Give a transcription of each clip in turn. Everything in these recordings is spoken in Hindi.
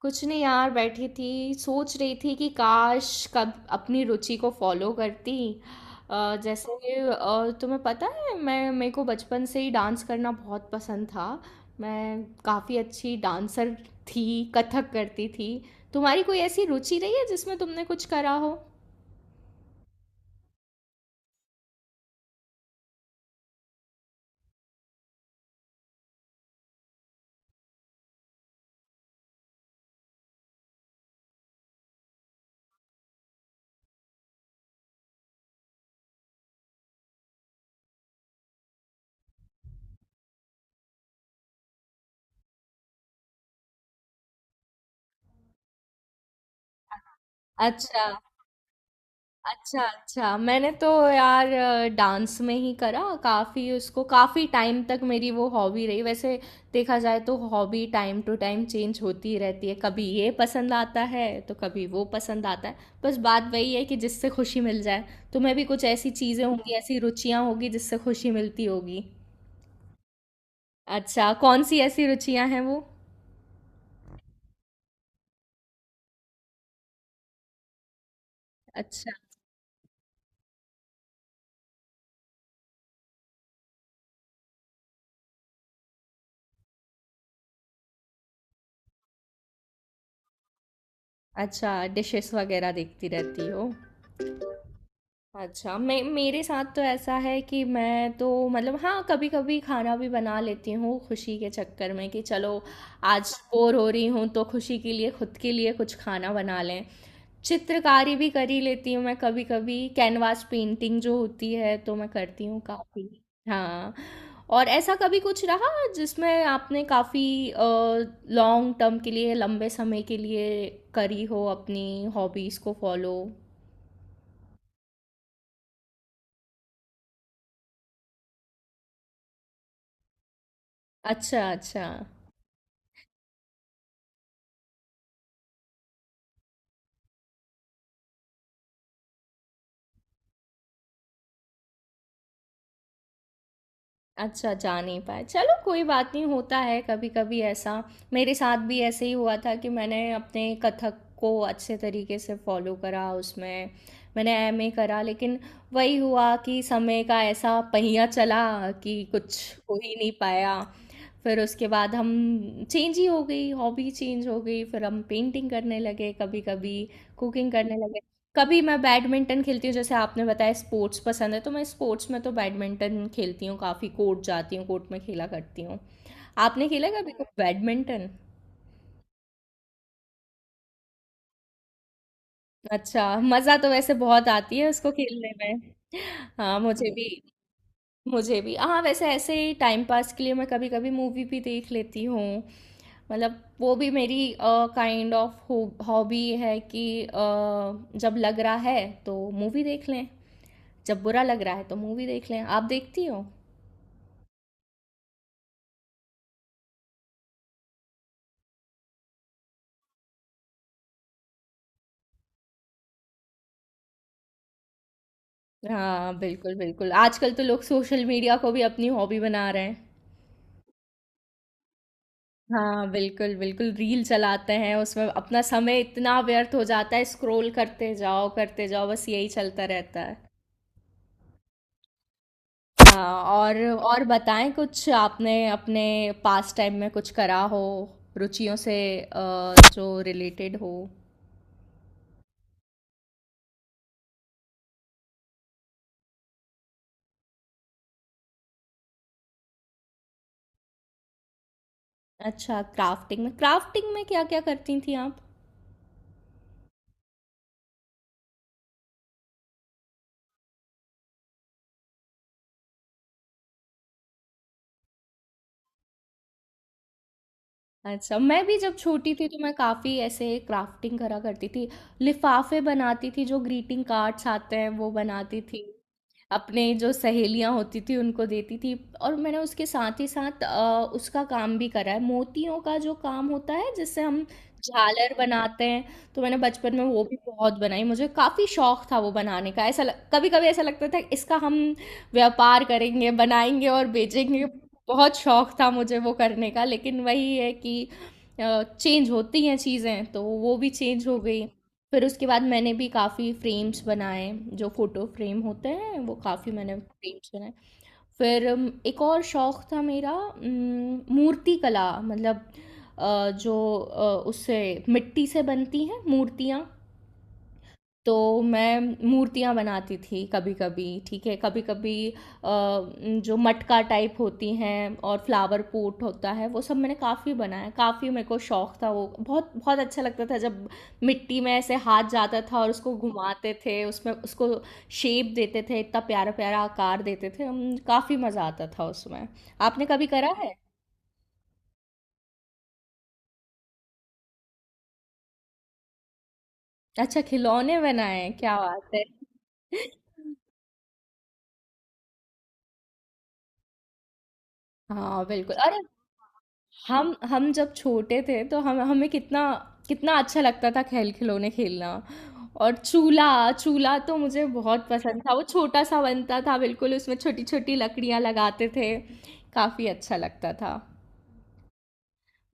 कुछ नहीं यार, बैठी थी सोच रही थी कि काश कब अपनी रुचि को फॉलो करती। जैसे, तुम्हें पता है मैं मेरे को बचपन से ही डांस करना बहुत पसंद था। मैं काफ़ी अच्छी डांसर थी। कथक करती थी। तुम्हारी कोई ऐसी रुचि रही है जिसमें तुमने कुछ करा हो? अच्छा, अच्छा। अच्छा, मैंने तो यार डांस में ही करा काफ़ी, उसको काफ़ी टाइम तक मेरी वो हॉबी रही। वैसे देखा जाए तो hobby time to time change होती ही रहती है। कभी ये पसंद आता है तो कभी वो पसंद आता है। बस बात वही है कि जिससे खुशी मिल जाए। तुम्हें भी कुछ ऐसी चीज़ें होंगी, ऐसी रुचियां होगी जिससे खुशी मिलती होगी। अच्छा, कौन सी ऐसी रुचियां हैं वो? अच्छा। अच्छा, डिशेस वगैरह देखती रहती हो? अच्छा, मैं मेरे साथ तो ऐसा है कि मैं तो मतलब हाँ, कभी कभी खाना भी बना लेती हूँ, खुशी के चक्कर में कि चलो आज बोर हो रही हूँ तो खुशी के लिए, खुद के लिए कुछ खाना बना लें। चित्रकारी भी कर ही लेती हूँ मैं कभी कभी, कैनवास पेंटिंग जो होती है तो मैं करती हूँ काफ़ी। हाँ। और ऐसा कभी कुछ रहा जिसमें आपने काफ़ी लॉन्ग टर्म के लिए, लंबे समय के लिए, करी हो अपनी हॉबीज़ को फॉलो? अच्छा, अच्छा। अच्छा, जा नहीं पाए। चलो कोई बात नहीं, होता है कभी-कभी ऐसा। मेरे साथ भी ऐसे ही हुआ था कि मैंने अपने कथक को अच्छे तरीके से फ़ॉलो करा उसमें, मैंने एमए करा, लेकिन वही हुआ कि समय का ऐसा पहिया चला कि कुछ हो ही नहीं पाया। फिर उसके बाद हम चेंज ही हो गई, हॉबी चेंज हो गई। फिर हम पेंटिंग करने लगे कभी कभी, कुकिंग करने लगे। कभी मैं बैडमिंटन खेलती हूँ, जैसे आपने बताया स्पोर्ट्स पसंद है, तो मैं स्पोर्ट्स में तो बैडमिंटन खेलती हूँ, काफ़ी कोर्ट जाती हूँ, कोर्ट में खेला करती हूँ। आपने खेला कभी कुछ बैडमिंटन? अच्छा, मज़ा तो वैसे बहुत आती है उसको खेलने में। हाँ, मुझे भी। मुझे भी, हाँ, वैसे ऐसे ही टाइम पास के लिए मैं कभी कभी मूवी भी देख लेती हूँ। मतलब वो भी मेरी काइंड ऑफ हॉबी है कि जब लग रहा है तो मूवी देख लें, जब बुरा लग रहा है तो मूवी देख लें। आप देखती हो? हाँ, बिल्कुल बिल्कुल। आजकल तो लोग सोशल मीडिया को भी अपनी हॉबी बना रहे हैं। हाँ, बिल्कुल बिल्कुल, रील चलाते हैं उसमें, अपना समय इतना व्यर्थ हो जाता है, स्क्रॉल करते जाओ करते जाओ, बस यही चलता रहता है। हाँ। और बताएं, कुछ आपने अपने पास टाइम में कुछ करा हो, रुचियों से जो रिलेटेड हो? अच्छा, क्राफ्टिंग में, क्राफ्टिंग में क्या क्या करती थी आप? अच्छा, मैं भी जब छोटी थी तो मैं काफ़ी ऐसे क्राफ्टिंग करा करती थी। लिफ़ाफ़े बनाती थी, जो ग्रीटिंग कार्ड्स आते हैं वो बनाती थी। अपने जो सहेलियाँ होती थी उनको देती थी। और मैंने उसके साथ ही साथ उसका काम भी करा है, मोतियों का जो काम होता है जिससे हम झालर बनाते हैं, तो मैंने बचपन में वो भी बहुत बनाई। मुझे काफ़ी शौक था वो बनाने का। ऐसा लग कभी-कभी ऐसा लगता था इसका हम व्यापार करेंगे, बनाएँगे और बेचेंगे। बहुत शौक था मुझे वो करने का, लेकिन वही है कि चेंज होती हैं चीज़ें तो वो भी चेंज हो गई। फिर उसके बाद मैंने भी काफ़ी फ्रेम्स बनाए, जो फ़ोटो फ्रेम होते हैं वो काफ़ी मैंने फ्रेम्स बनाए। फिर एक और शौक था मेरा, मूर्ति कला, मतलब जो उससे मिट्टी से बनती हैं मूर्तियाँ, तो मैं मूर्तियाँ बनाती थी कभी कभी। ठीक है, कभी कभी जो मटका टाइप होती हैं और फ्लावर पॉट होता है वो सब मैंने काफ़ी बनाया। काफ़ी मेरे को शौक था वो, बहुत बहुत अच्छा लगता था जब मिट्टी में ऐसे हाथ जाता था और उसको घुमाते थे, उसमें उसको शेप देते थे, इतना प्यारा प्यारा आकार देते थे हम, काफ़ी मज़ा आता था उसमें। आपने कभी करा है? अच्छा, खिलौने बनाए हैं, क्या बात है! हाँ बिल्कुल, अरे हम जब छोटे थे तो हम हमें कितना कितना अच्छा लगता था खेल खिलौने खेलना। और चूल्हा चूल्हा तो मुझे बहुत पसंद था, वो छोटा सा बनता था बिल्कुल, उसमें छोटी छोटी लकड़ियाँ लगाते थे। काफ़ी अच्छा लगता था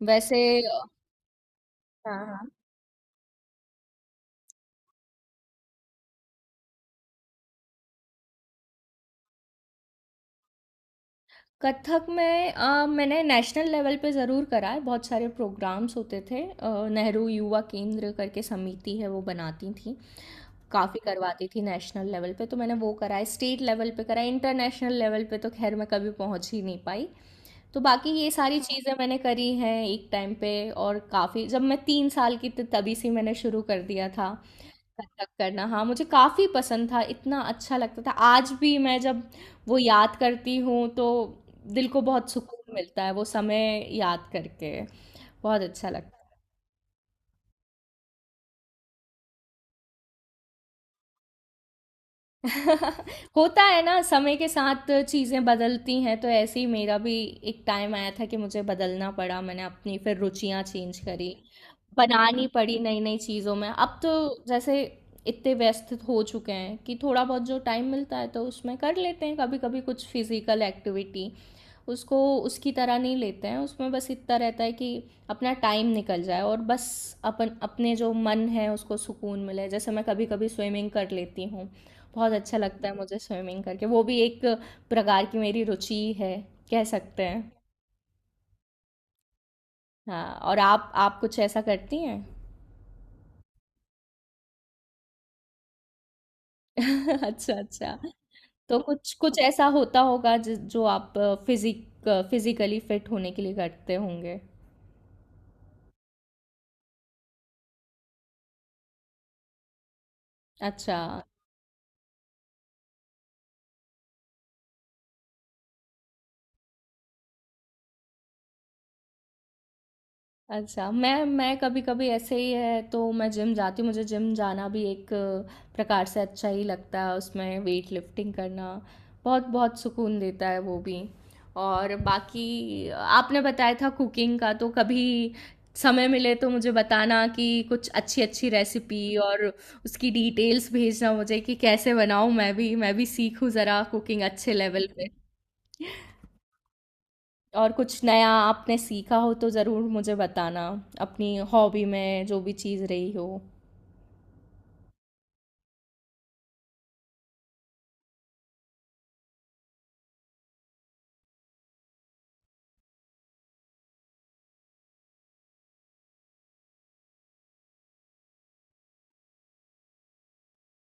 वैसे। हाँ, हाँ। कथक में मैंने नेशनल लेवल पे ज़रूर करा है, बहुत सारे प्रोग्राम्स होते थे। नेहरू युवा केंद्र करके समिति है, वो बनाती थी काफ़ी, करवाती थी नेशनल लेवल पे, तो मैंने वो कराया। स्टेट लेवल पे कराया। इंटरनेशनल लेवल पे तो खैर मैं कभी पहुंच ही नहीं पाई। तो बाकी ये सारी चीज़ें मैंने करी हैं एक टाइम पे। और काफ़ी, जब मैं तीन साल की थी तभी से मैंने शुरू कर दिया था कथक करना। हाँ, मुझे काफ़ी पसंद था, इतना अच्छा लगता था। आज भी मैं जब वो याद करती हूँ तो दिल को बहुत सुकून मिलता है वो समय याद करके। बहुत अच्छा लगता है। होता है ना, समय के साथ चीज़ें बदलती हैं तो ऐसे ही मेरा भी एक टाइम आया था कि मुझे बदलना पड़ा, मैंने अपनी फिर रुचियाँ चेंज करी, बनानी पड़ी नई नई चीज़ों में। अब तो जैसे इतने व्यस्त हो चुके हैं कि थोड़ा बहुत जो टाइम मिलता है तो उसमें कर लेते हैं कभी कभी कुछ फिजिकल एक्टिविटी, उसको उसकी तरह नहीं लेते हैं उसमें, बस इतना रहता है कि अपना टाइम निकल जाए और बस, अपन अपने जो मन है उसको सुकून मिले, जैसे मैं कभी कभी स्विमिंग कर लेती हूँ, बहुत अच्छा लगता है मुझे स्विमिंग करके। वो भी एक प्रकार की मेरी रुचि है, कह सकते हैं। हाँ, और आप कुछ ऐसा करती हैं? अच्छा, अच्छा। तो कुछ कुछ ऐसा होता होगा जो आप फिजिक फिजिकली फिट होने के लिए करते होंगे? अच्छा, अच्छा, मैं कभी-कभी ऐसे ही है तो मैं जिम जाती हूँ, मुझे जिम जाना भी एक प्रकार से अच्छा ही लगता है, उसमें वेट लिफ्टिंग करना बहुत-बहुत सुकून देता है वो भी। और बाकी आपने बताया था कुकिंग का, तो कभी समय मिले तो मुझे बताना कि कुछ अच्छी-अच्छी रेसिपी और उसकी डिटेल्स भेजना मुझे कि कैसे बनाऊँ, मैं भी सीखूँ ज़रा कुकिंग अच्छे लेवल पे। और कुछ नया आपने सीखा हो तो ज़रूर मुझे बताना, अपनी हॉबी में जो भी चीज़ रही हो।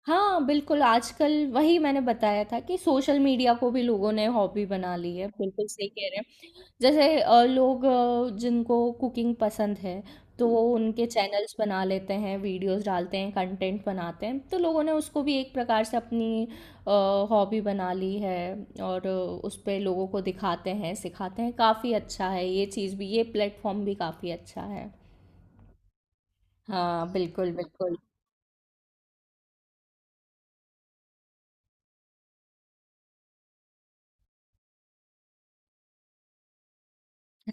हाँ, बिल्कुल। आजकल वही मैंने बताया था कि सोशल मीडिया को भी लोगों ने हॉबी बना ली है, बिल्कुल सही कह रहे हैं। जैसे लोग, जिनको कुकिंग पसंद है, तो वो उनके चैनल्स बना लेते हैं, वीडियोस डालते हैं, कंटेंट बनाते हैं, तो लोगों ने उसको भी एक प्रकार से अपनी अ, हॉबी बना ली है और उस पे लोगों को दिखाते हैं, सिखाते हैं, काफ़ी अच्छा है ये चीज़ भी, ये प्लेटफॉर्म भी काफ़ी अच्छा है। हाँ, बिल्कुल, बिल्कुल।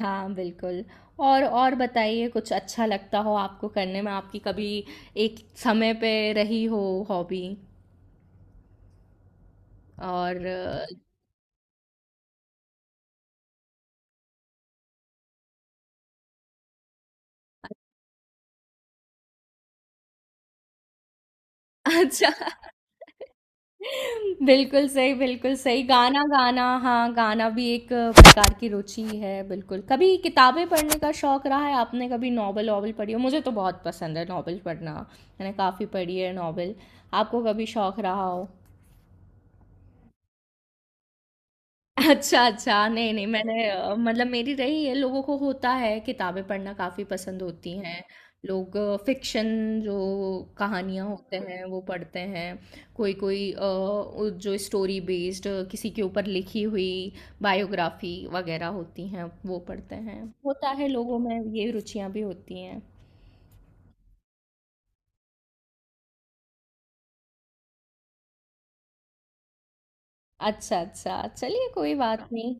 हाँ, बिल्कुल। और बताइए, कुछ अच्छा लगता हो आपको करने में, आपकी कभी एक समय पे रही हो हॉबी, और अच्छा। बिल्कुल सही, बिल्कुल सही। गाना गाना, हाँ, गाना भी एक प्रकार की रुचि है, बिल्कुल। कभी किताबें पढ़ने का शौक रहा है? आपने कभी नॉवल-वॉवल पढ़ी हो? मुझे तो बहुत पसंद है नॉवल पढ़ना। मैंने काफ़ी पढ़ी है नॉवल। आपको कभी शौक रहा हो? अच्छा, अच्छा। नहीं, नहीं, मैंने मतलब मेरी रही है, लोगों को होता है किताबें पढ़ना काफ़ी पसंद होती हैं। लोग फ़िक्शन जो कहानियाँ होते हैं वो पढ़ते हैं। कोई-कोई उ जो स्टोरी बेस्ड किसी के ऊपर लिखी हुई बायोग्राफ़ी वग़ैरह होती हैं वो पढ़ते हैं। होता है, लोगों में ये रुचियाँ भी होती हैं। अच्छा, अच्छा। चलिए कोई बात नहीं।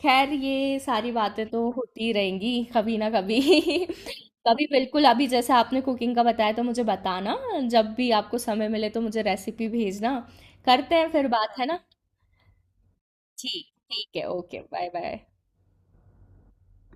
खैर ये सारी बातें तो होती रहेंगी कभी ना कभी। कभी बिल्कुल, अभी जैसे आपने कुकिंग का बताया तो मुझे बताना, जब भी आपको समय मिले तो मुझे रेसिपी भेजना, करते हैं फिर बात, है ना? ठीक ठीक है, ओके, बाय बाय।